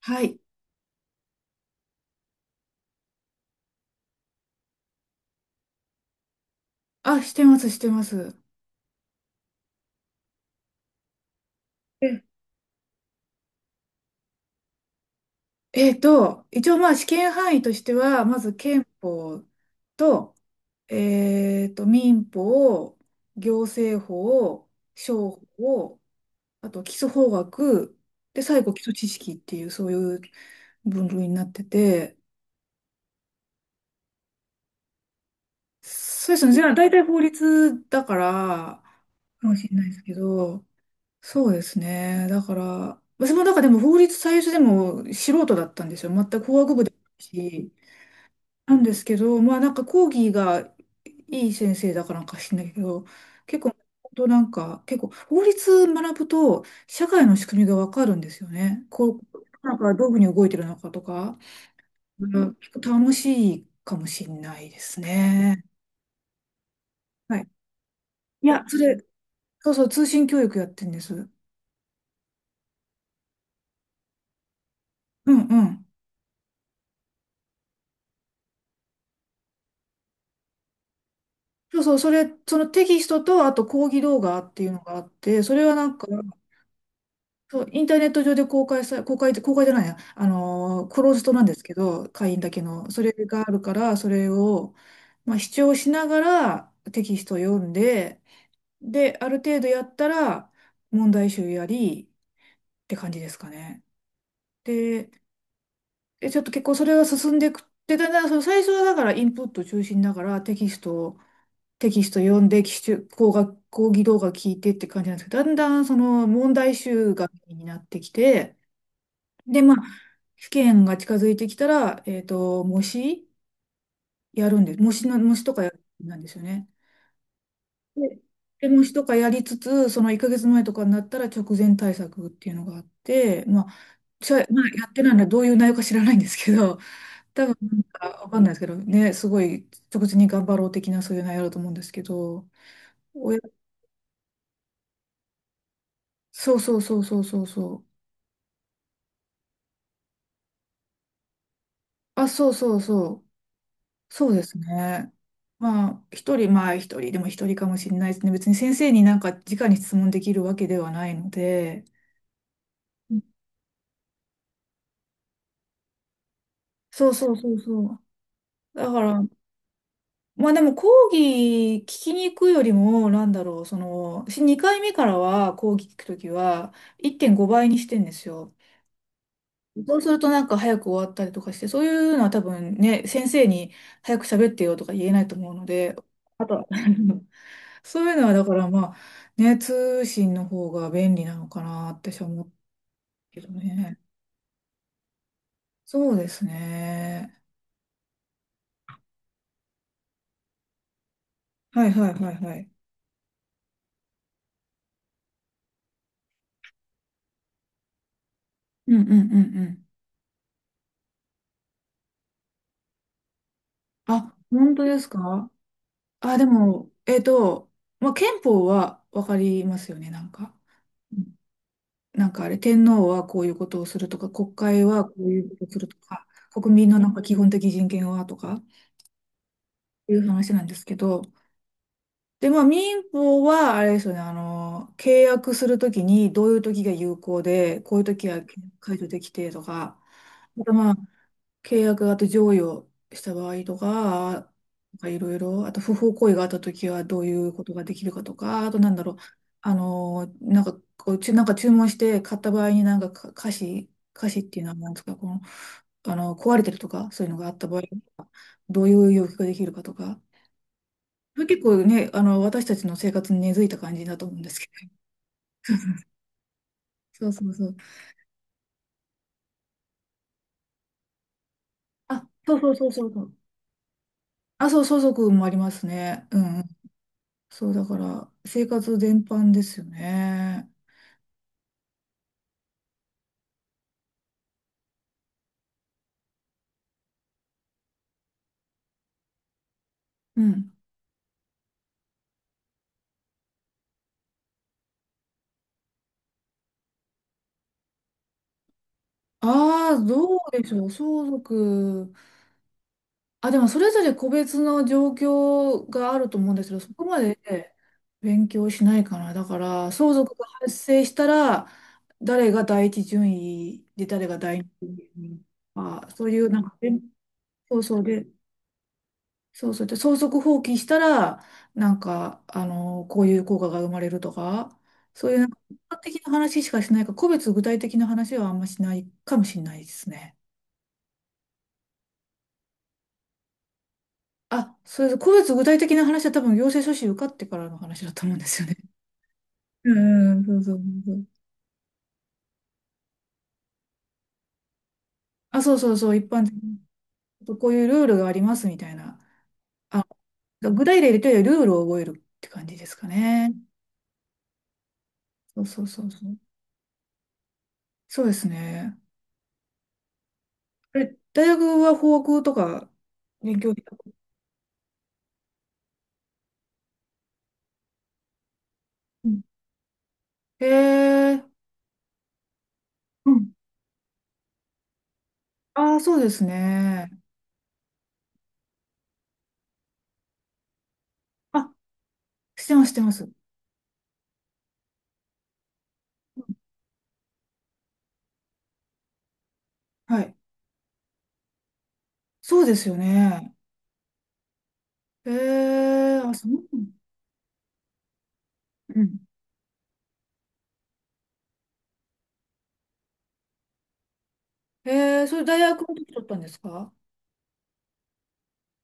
はい。あ、してます、してます。え一応まあ試験範囲としては、まず憲法と、民法、行政法、商法、あと基礎法学、で、最後基礎知識っていう、そういう分類になってて、そうですね。じゃあ大体法律だから、かもしれないですけど、そうですね。だから、私もだからでも法律最初でも素人だったんですよ。全く法学部でもないし。なんですけど、まあなんか講義がいい先生だからなんか知んないけど、結構、本当なんか、結構法律学ぶと社会の仕組みがわかるんですよね。こう、なんかどういうふうに動いてるのかとか、うん結構楽しいかもしれないですね。はい。いや、それ、そうそう、通信教育やってるんです。うんうん。そうそう、それ、そのテキストと、あと講義動画っていうのがあって、それはなんか、そう、インターネット上で公開さ、公開、公開じゃないや、クローズドなんですけど、会員だけの、それがあるから、それを、まあ、視聴しながらテキストを読んで、で、ある程度やったら、問題集やり、って感じですかね。で、でちょっと結構それが進んでいく。で、だんだん、その最初はだからインプット中心だから、テキスト読んで、基準講学、講義動画聞いてって感じなんですけど、だんだんその問題集が気になってきて、で、まあ、試験が近づいてきたら、模試やるんです。模試とかやるなんですよね。で、模試とかやりつつ、その1ヶ月前とかになったら直前対策っていうのがあって、まあ、私はまあ、やってないのはどういう内容か知らないんですけど、多分なんかわかんないですけどね、すごい直前に頑張ろう的なそういう内容だと思うんですけど、親そうそうそうそうそうそう。あ、そうそうそう。そうですね。まあ、一人、まあ一人でも一人かもしれないですね。別に先生になんか直に質問できるわけではないので。うんそうそうそうそう。だから、まあでも講義聞きに行くよりも、なんだろう、その、2回目からは講義聞くときは1.5倍にしてんですよ。そうするとなんか早く終わったりとかして、そういうのは多分ね、先生に早く喋ってよとか言えないと思うので、あとは そういうのはだからまあ、ね、通信の方が便利なのかなって私は思うけどね。そうですね。はいはいはいはい。うんうんうんうん。あ、本当ですか？あ、でも、まあ、憲法はわかりますよね、なんか。うんなんかあれ、天皇はこういうことをするとか、国会はこういうことをするとか、国民のなんか基本的人権はとか、いう話なんですけど、で、まあ、民法は、あれですよね、あの、契約するときに、どういうときが有効で、こういうときは解除できてとか、あと、まあ、契約があと譲与した場合とか、なんかいろいろ、あと不法行為があったときはどういうことができるかとか、あとなんだろう、あの、なんかこう、なんか注文して買った場合になんか瑕疵、瑕疵っていうのはなんですか、この、あの、壊れてるとか、そういうのがあった場合、どういう要求ができるかとか、それ結構ね、あの、私たちの生活に根付いた感じだと思うんですけど。そうそうそう。あ、そうそうそうそうそう。あ、そう、相続もありますね。うん。そう、だから、生活全般ですよね。うん。ああ、どうでしょう。相続。あ、でも、それぞれ個別の状況があると思うんですけど、そこまで勉強しないかな。だから、相続が発生したら、誰が第一順位で、誰が第二順位。あ、そういう、なんか、そうそうで、そうそうで、相続放棄したら、なんか、あの、こういう効果が生まれるとか、そういうなんか一般的な話しかしないから、個別具体的な話はあんましないかもしれないですね。あ、それで、個別具体的な話は多分行政書士受かってからの話だと思うんですよね。うんうん、そうそうそうそう。あ、そうそうそう、一般的に、こういうルールがありますみたいな。具体例で言うとルールを覚えるって感じですかね。そうそうそうそう。そうですね。あれ、大学は法学とか勉強したこと？うん。とへえ。うんああ、そうですね。あ、してます、してます。はい。そうですよね。へえ、あ、そう。うんへえ、それ大学の時取ったんですか？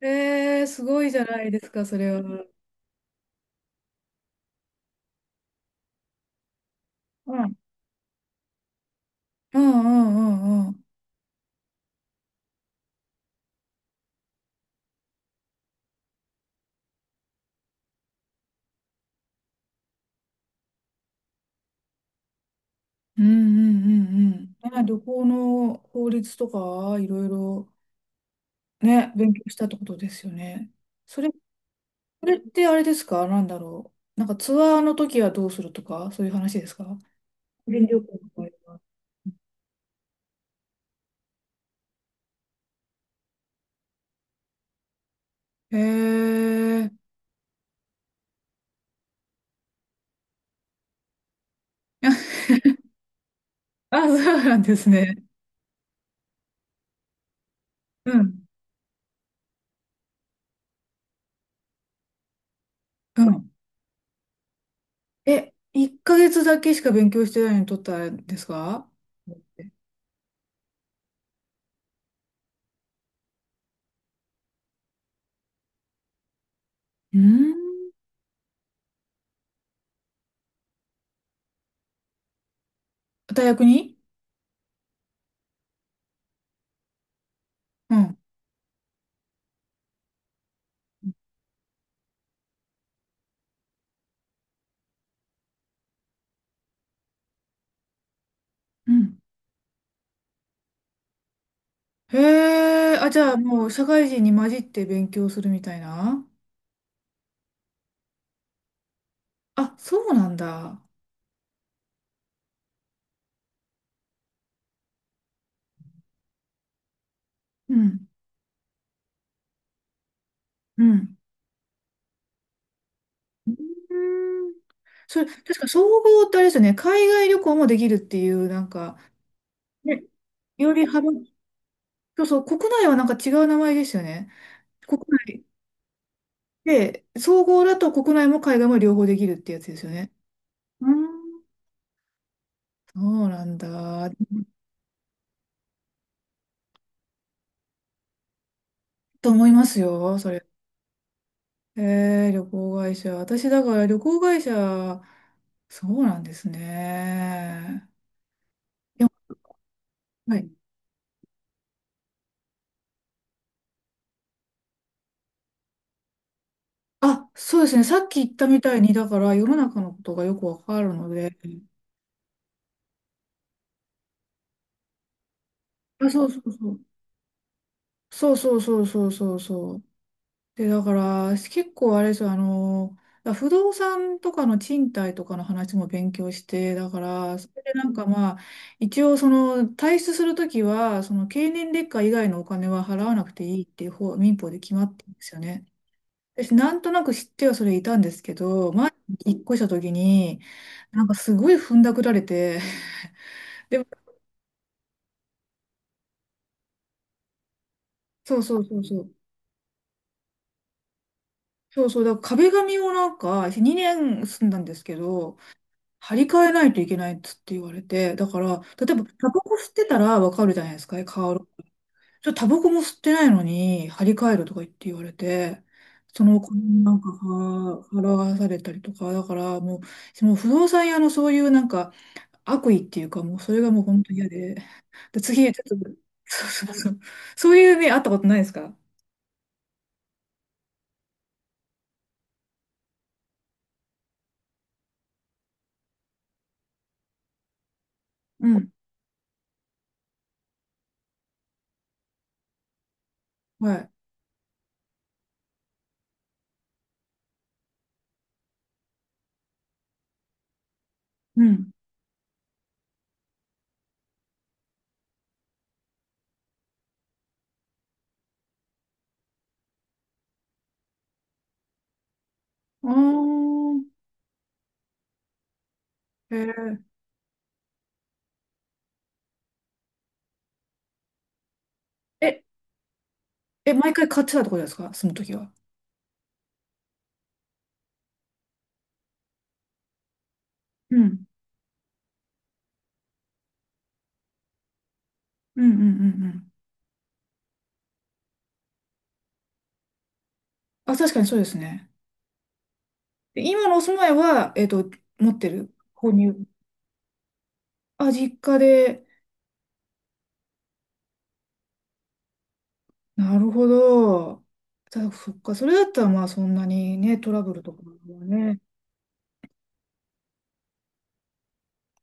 へえ、すごいじゃないですか、それは。うんうんうんうんうん。うんうんうんうん。ね、旅行の法律とか、いろいろね、勉強したってことですよね。それそれってあれですか？なんだろう。なんかツアーの時はどうするとか、そういう話ですか？個人旅行の場合は。へえ。あ、そうなんですね。うん。うん。え、1ヶ月だけしか勉強してないのに取ったんですか？うん。大学に。うん。うん。へえ。あ、じゃあもう社会人に混じって勉強するみたいな？あ、そうなんだ。うん。うん。うーん、それ、確か総合ってあれですよね、海外旅行もできるっていう、なんか、ね、より幅、そうそう、国内はなんか違う名前ですよね。国内で、総合だと国内も海外も両方できるってやつですよね。うーんそうなんだ。と思いますよ、それ。旅行会社。私、だから旅行会社、そうなんですね。はい。あ、そうですね。さっき言ったみたいに、だから世の中のことがよくわかるので。あ、そうそうそう。そうそうそうそうそうそう。で、だから、結構あれですよ、あの、不動産とかの賃貸とかの話も勉強して、だから、それでなんかまあ、一応その、退出するときは、その経年劣化以外のお金は払わなくていいっていう方、民法で決まってるんですよね。私、なんとなく知ってはそれいたんですけど、前に引っ越したときに、なんかすごい踏んだくられて、でも、そうそうそうそう。そうそう、だから壁紙をなんか2年住んだんですけど、張り替えないといけないっつって言われて、だから、例えばタバコ吸ってたらわかるじゃないですか、香る。ちょっとタバコも吸ってないのに張り替えるとか言って言われて、その子になんかは払わされたりとか、だからもう、その不動産屋のそういうなんか悪意っていうか、もうそれがもう本当に嫌で、で次、ちょっと、そうそうそう、そういう目あったことないですか？うん。はい。うん。ああ、へえーえ、え、毎回買ってたってことですか？その時は。うん。うんうんうんうん。あ、確かにそうですね。で、今のお住まいは、持ってる。購入。あ、実家で。なるほど。じゃそっか。それだったら、まあ、そんなにね、トラブルとかはね、